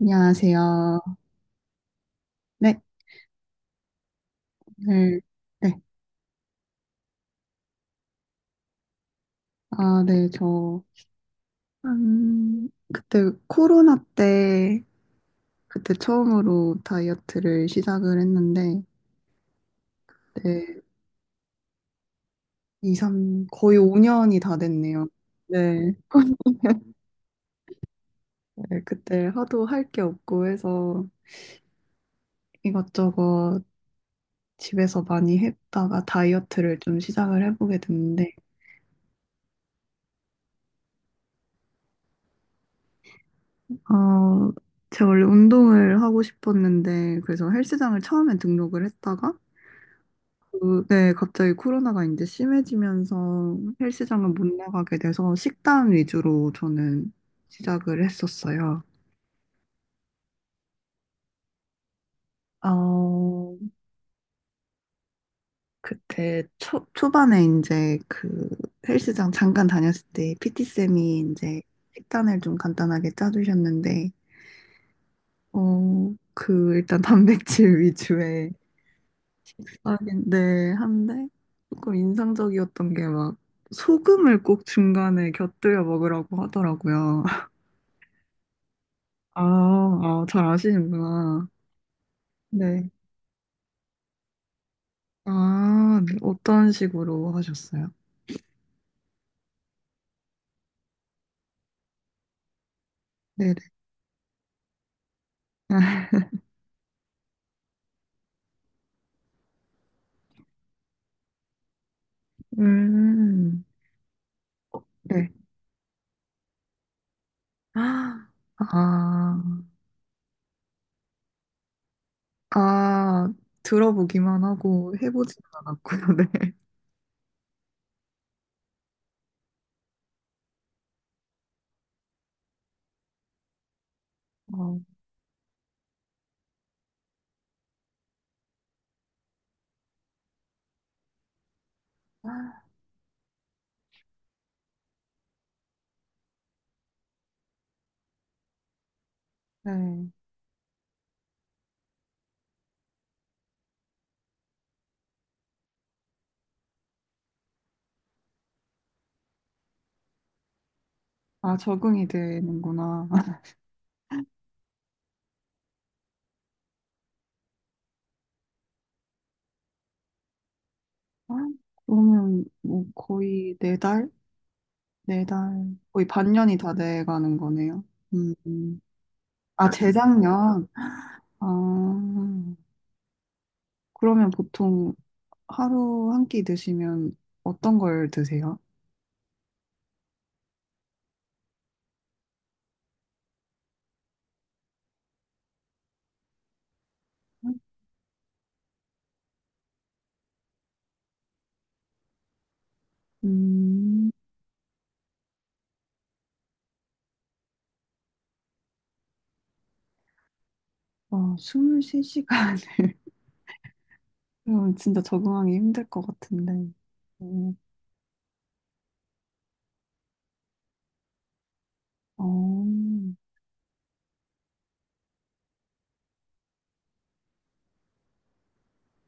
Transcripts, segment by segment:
안녕하세요. 네, 네, 네. 아, 네, 저, 한, 그때 코로나 때, 그때 처음으로 다이어트를 시작을 했는데, 네, 이 삼 거의 5년이 다 됐네요. 네, 네, 그때 하도 할 게 없고 해서 이것저것 집에서 많이 했다가 다이어트를 좀 시작을 해보게 됐는데, 어, 제가 원래 운동을 하고 싶었는데, 그래서 헬스장을 처음에 등록을 했다가, 그, 네, 갑자기 코로나가 이제 심해지면서 헬스장을 못 나가게 돼서 식단 위주로 저는 시작을 했었어요. 어, 그때 초반에 이제 그 헬스장 잠깐 다녔을 때 PT쌤이 이제 식단을 좀 간단하게 짜주셨는데, 그 일단 단백질 위주의 식사인데 한데 조금 인상적이었던 게 막 소금을 꼭 중간에 곁들여 먹으라고 하더라고요. 아, 아, 잘 아시는구나. 네. 아, 네. 어떤 식으로 하셨어요? 네네. 음, 네. 아, 아, 들어보기만 하고 해보지는 않았고요, 네. 어, 네. 아, 적응이 되는구나. 아, 그러면 뭐 거의 네 달? 네 달? 거의 반년이 다 돼가는 거네요. 음. 아, 재작년? 아, 그러면 보통 하루 한 끼 드시면 어떤 걸 드세요? 음, 와, 23시간을. 그럼 진짜 적응하기 힘들 것 같은데. 음, 어,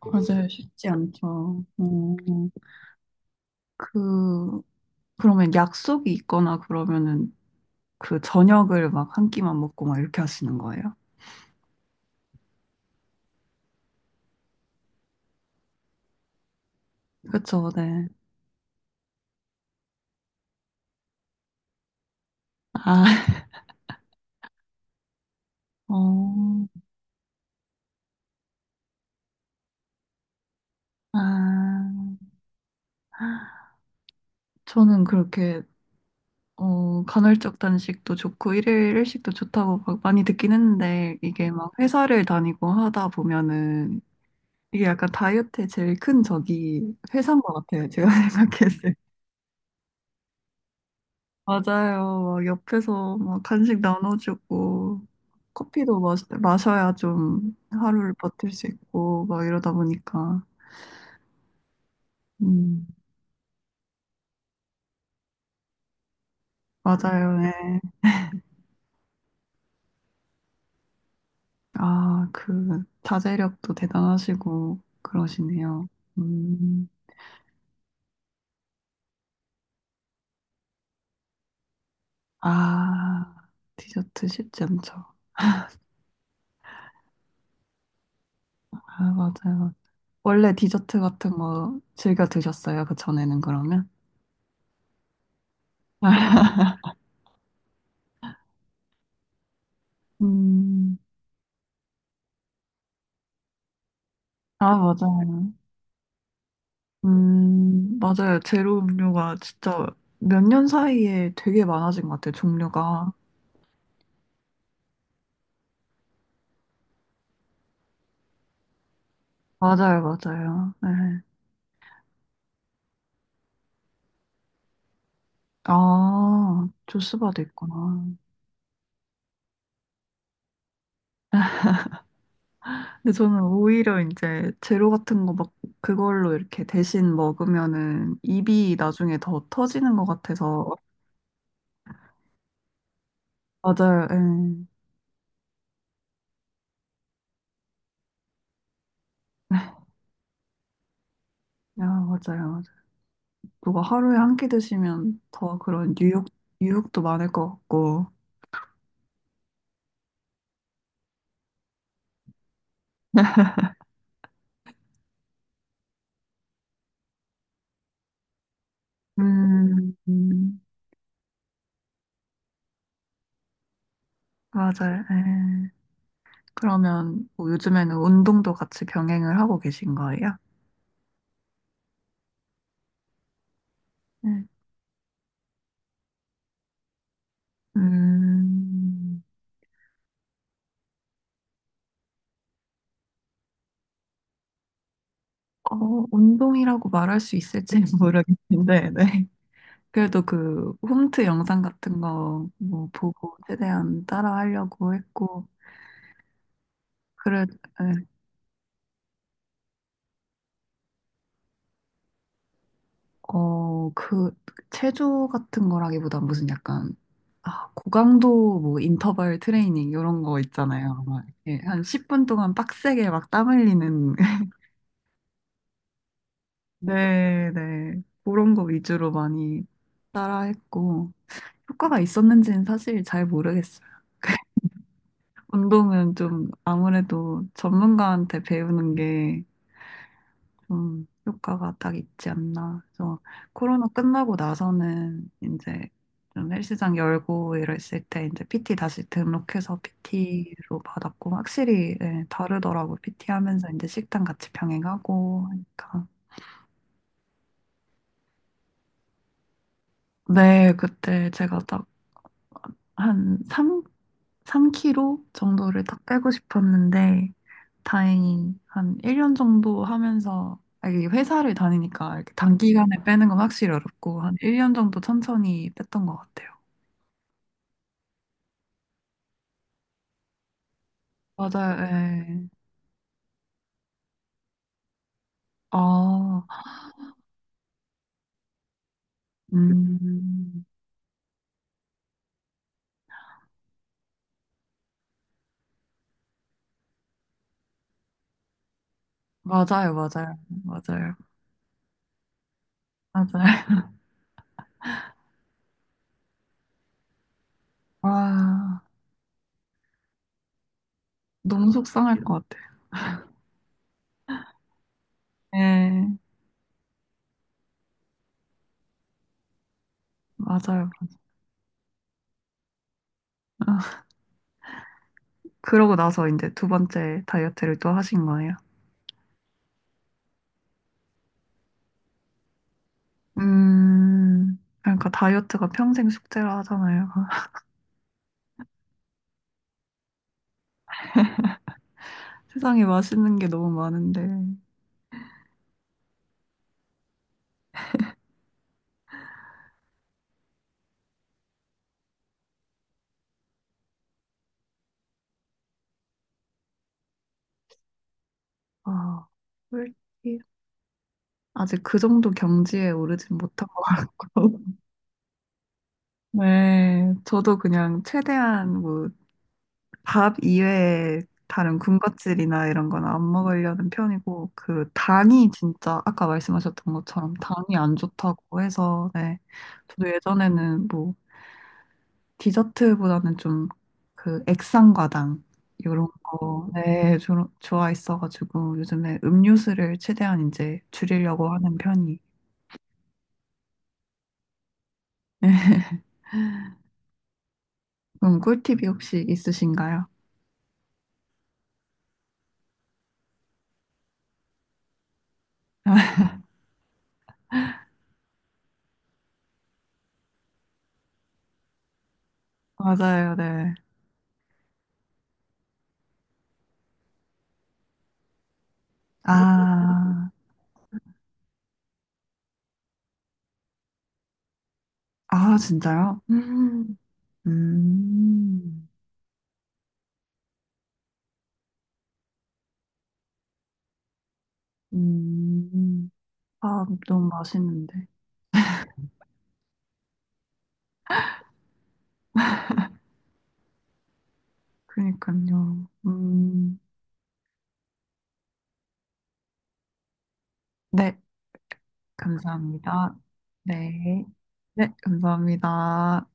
맞아요. 쉽지 않죠. 어, 그, 그러면 약속이 있거나 그러면은 그 저녁을 막 한 끼만 먹고 막 이렇게 하시는 거예요? 그쵸, 네. 아, 어, 아, 저는 그렇게 간헐적 단식도 좋고 일일 일식도 좋다고 막 많이 듣긴 했는데 이게 막 회사를 다니고 하다 보면은 이게 약간 다이어트의 제일 큰 적이 회사인 것 같아요. 제가 생각했을 때. 맞아요. 막 옆에서 막 간식 나눠주고 커피도 마셔, 마셔야 좀 하루를 버틸 수 있고 막 이러다 보니까 음, 맞아요. 네. 아, 그 자제력도 대단하시고 그러시네요. 음. 아, 디저트 쉽지 않죠. 아, 맞아요. 원래 디저트 같은 거 즐겨 드셨어요? 그 전에는 그러면? 음, 아, 맞아요. 맞아요. 제로 음료가 진짜 몇 년 사이에 되게 많아진 것 같아요, 종류가. 맞아요, 맞아요. 네. 아, 조스바도 있구나. 근데 저는 오히려 이제 제로 같은 거 막 그걸로 이렇게 대신 먹으면은 입이 나중에 더 터지는 것 같아서 맞아요. 예. 야, 맞아요. 맞아요. 누가 하루에 한 끼 드시면 더 그런 유혹, 유혹도 많을 것 같고. 음, 음, 맞아요. 예. 그러면 뭐 요즘에는 운동도 같이 병행을 하고 계신 거예요? 네. 음, 어, 운동이라고 말할 수 있을지 모르겠는데, 네. 그래도 그 홈트 영상 같은 거 뭐 보고 최대한 따라 하려고 했고, 그래, 예. 어, 그, 체조 같은 거라기보단 무슨 약간, 아, 고강도 뭐 인터벌 트레이닝 이런 거 있잖아요. 막, 예, 한 10분 동안 빡세게 막 땀 흘리는. 네, 네. 그런 거 위주로 많이 따라 했고, 효과가 있었는지는 사실 잘 모르겠어요. 운동은 좀 아무래도 전문가한테 배우는 게 좀 효과가 딱 있지 않나. 그래서 코로나 끝나고 나서는 이제 좀 헬스장 열고 이랬을 때 이제 PT 다시 등록해서 PT로 받았고 확실히 예, 다르더라고. PT 하면서 이제 식단 같이 병행하고 하니까. 네, 그때 제가 딱 한 3kg 정도를 딱 빼고 싶었는데, 다행히 한 1년 정도 하면서, 아, 이게 회사를 다니니까 이렇게 단기간에 빼는 건 확실히 어렵고, 한 1년 정도 천천히 뺐던 것 같아요. 맞아요, 예. 아, 음, 맞아요, 맞아요, 맞아요. 아, 너무 속상할 것 같아요. 예, 맞아요. 그러고 나서 이제 두 번째 다이어트를 또 하신 거예요? 그러니까 다이어트가 평생 숙제라 하잖아요. 세상에 맛있는 게 너무 많은데, 아, 솔직히 아직 그 정도 경지에 오르진 못한 것 같고. 네, 저도 그냥 최대한 뭐, 밥 이외에 다른 군것질이나 이런 건 안 먹으려는 편이고, 그 당이 진짜 아까 말씀하셨던 것처럼 당이 안 좋다고 해서, 네. 저도 예전에는 뭐, 디저트보다는 좀 그 액상과당 요런 거 네, 좋아했어가지고 요즘에 음료수를 최대한 이제 줄이려고 하는 편이. 그럼 꿀팁이 혹시 있으신가요? 맞아요, 네. 아, 아, 진짜요? 음, 음. 아, 너무 맛있는데. 그니까요. 네, 감사합니다. 네, 네, 감사합니다.